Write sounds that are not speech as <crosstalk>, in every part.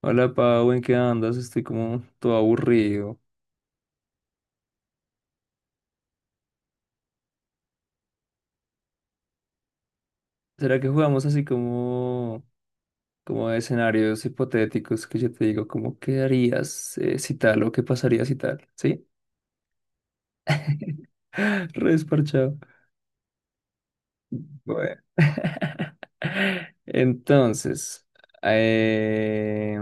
Hola Pau, ¿en qué andas? Estoy como todo aburrido. ¿Será que jugamos así como, como de escenarios hipotéticos que yo te digo, como qué harías si tal o qué pasaría si tal? ¿Sí? <laughs> Re desparchado. Bueno. <laughs> Entonces, eh,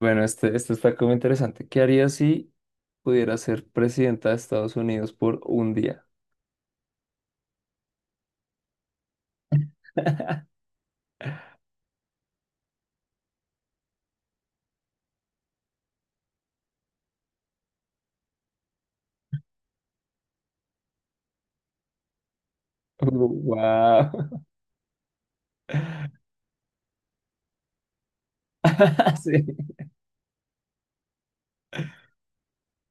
bueno, este está como interesante. ¿Qué harías si pudiera ser presidenta de Estados Unidos por un día? Wow. <laughs> <laughs>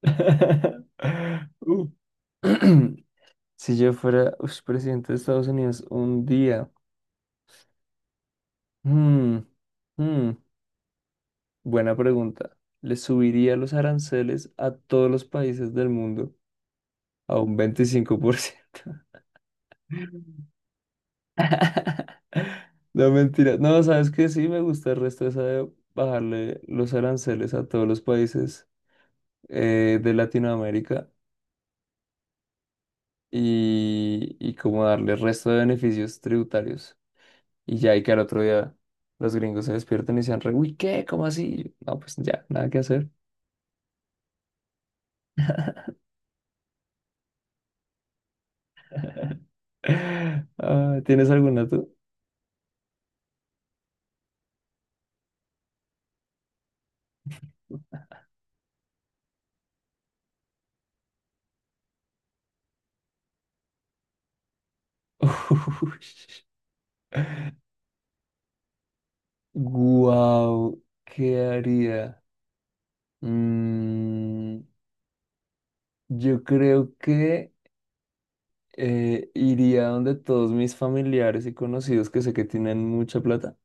<laughs> Uh. <clears throat> Si yo fuera presidente de Estados Unidos un día, mm, mm, buena pregunta. ¿Le subiría los aranceles a todos los países del mundo a un 25%? <laughs> No, mentira. No, sabes que sí me gusta el resto esa de bajarle los aranceles a todos los países de Latinoamérica y como darle el resto de beneficios tributarios. Y ya, y que al otro día los gringos se despiertan y dicen, re, uy, ¿qué? ¿Cómo así? Y yo, no, pues ya, nada que hacer. <laughs> Ah, ¿tienes alguna tú? <laughs> Uy. Guau, ¿qué haría? Mm, yo creo que iría donde todos mis familiares y conocidos que sé que tienen mucha plata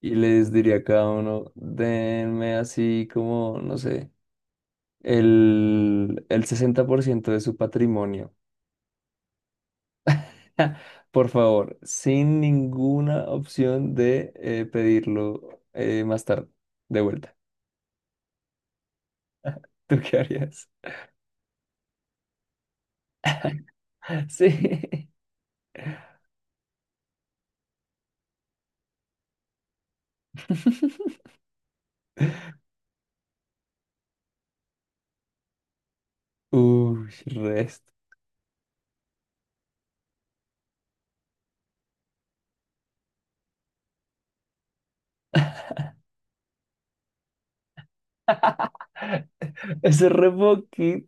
y les diría a cada uno, denme así como, no sé, el 60% de su patrimonio. <laughs> Por favor, sin ninguna opción de pedirlo más tarde, de vuelta. <laughs> ¿Tú qué harías? <laughs> Sí. <laughs> Uy, resto. Ese re poquito.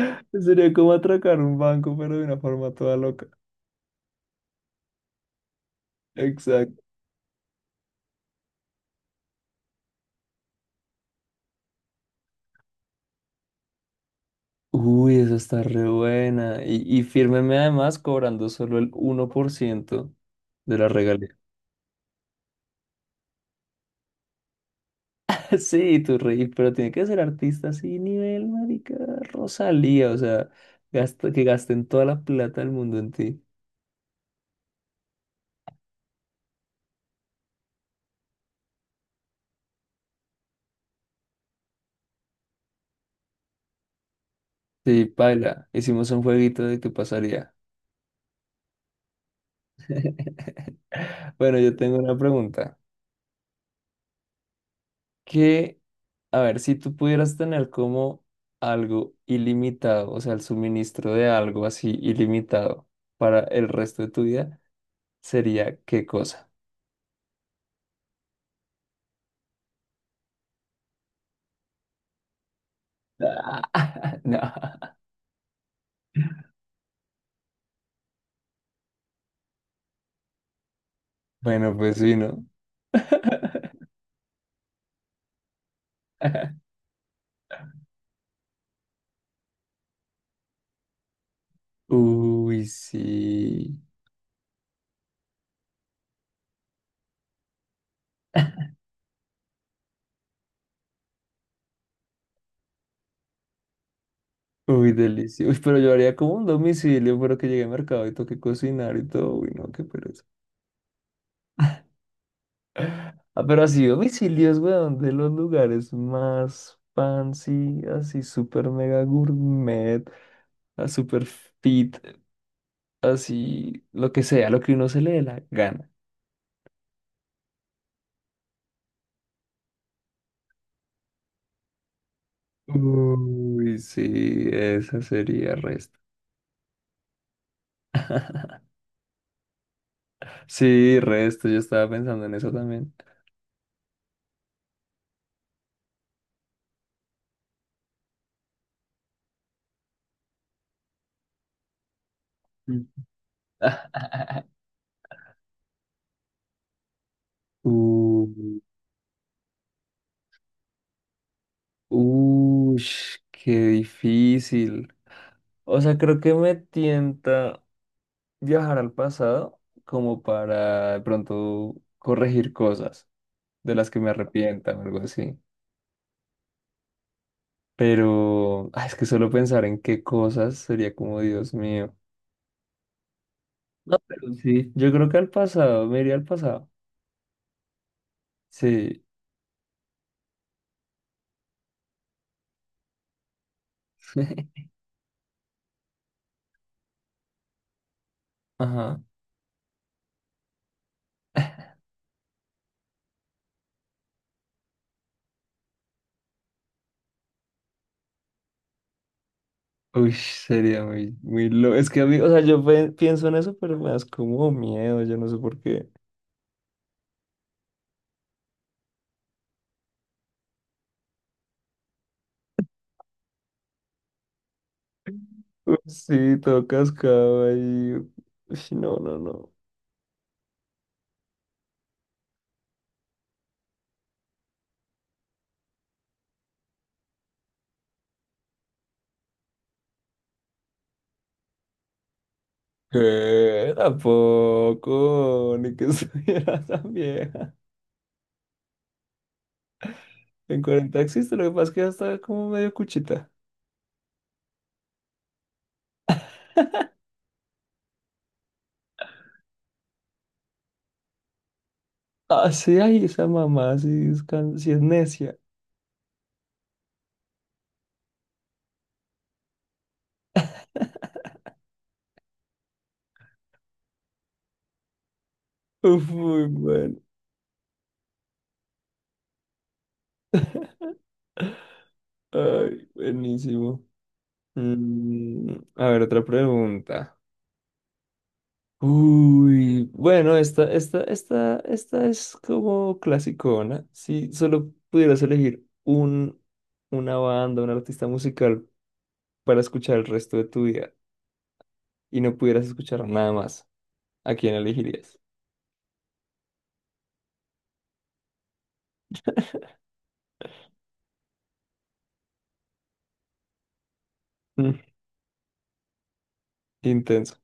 <laughs> Sería como atracar un banco, pero de una forma toda loca. Exacto. Uy, eso está re buena. Y fírmeme además cobrando solo el 1% de la regalía. <laughs> Sí, tu reí pero tiene que ser artista así, nivel, marica, Rosalía, o sea, que gasten toda la plata del mundo en ti. Sí, paila, hicimos un jueguito de qué pasaría. Bueno, yo tengo una pregunta. Que, a ver, si tú pudieras tener como algo ilimitado, o sea, el suministro de algo así ilimitado para el resto de tu vida, ¿sería qué cosa? <laughs> Ah, no. Bueno, pues sí, ¿no? Uy, sí. Uy, delicioso. Uy, pero yo haría como un domicilio, pero que llegue al mercado y toque cocinar y todo. Uy, no, qué pereza. Ah, pero así domicilios, weón, de los lugares más fancy, así super mega gourmet, a super fit, así lo que sea, lo que uno se le dé la gana. Uy, sí, esa sería resto. <laughs> Sí, resto, yo estaba pensando en eso también. Mm. <laughs> Uh, qué difícil. O sea, creo que me tienta viajar al pasado como para de pronto corregir cosas de las que me arrepienta o algo así. Pero ah, es que solo pensar en qué cosas sería como Dios mío. No, pero sí, yo creo que al pasado, me iría al pasado. Sí. <laughs> Ajá. Uy, sería muy, muy loco. Es que a mí, o sea, yo pienso en eso, pero me das como miedo, yo no sé por qué. Uy, sí, todo cascado ahí. Uy, no, no, no. ¿Qué? Tampoco, ni que estuviera <laughs> tan vieja. En 40 existe, lo que pasa es que ya está como medio cuchita. Ah, sí, ay, esa mamá, sí es, sí es necia. Uf, muy bueno. Ay, buenísimo. A ver, otra pregunta. Uy, bueno, esta es como clasicona. Si solo pudieras elegir un, una banda, un artista musical para escuchar el resto de tu vida. Y no pudieras escuchar nada más, ¿a quién elegirías? Mm, intenso.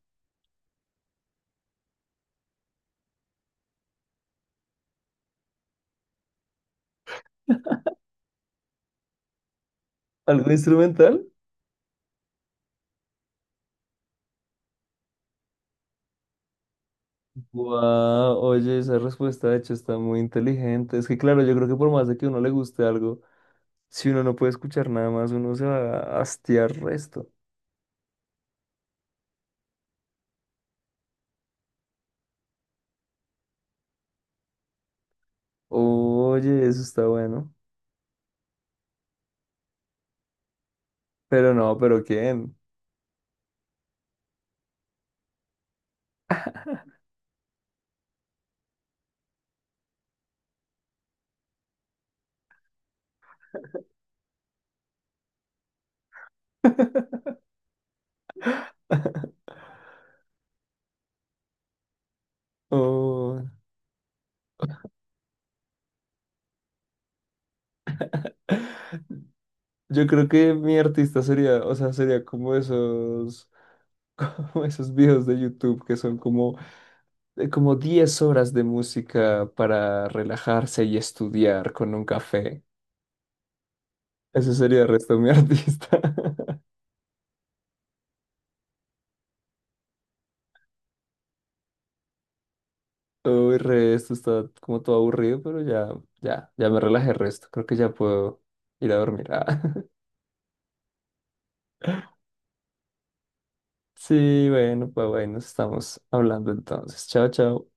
¿Algo instrumental? Wow, oye, esa respuesta de hecho está muy inteligente. Es que claro, yo creo que por más de que uno le guste algo, si uno no puede escuchar nada más, uno se va a hastiar resto. Oye, eso está bueno. Pero no, pero ¿quién? <laughs> Oh, yo creo que mi artista sería, o sea, sería como esos, <laughs> como esos videos de YouTube que son como como 10 horas de música para relajarse y estudiar con un café. Ese sería el Resto de mi <laughs> artista. Uy, Resto está como todo aburrido, pero ya, ya, ya me relajé el Resto. Creo que ya puedo ir a dormir. Ah. <laughs> Sí, bueno, pues bueno, nos estamos hablando entonces. Chao, chao.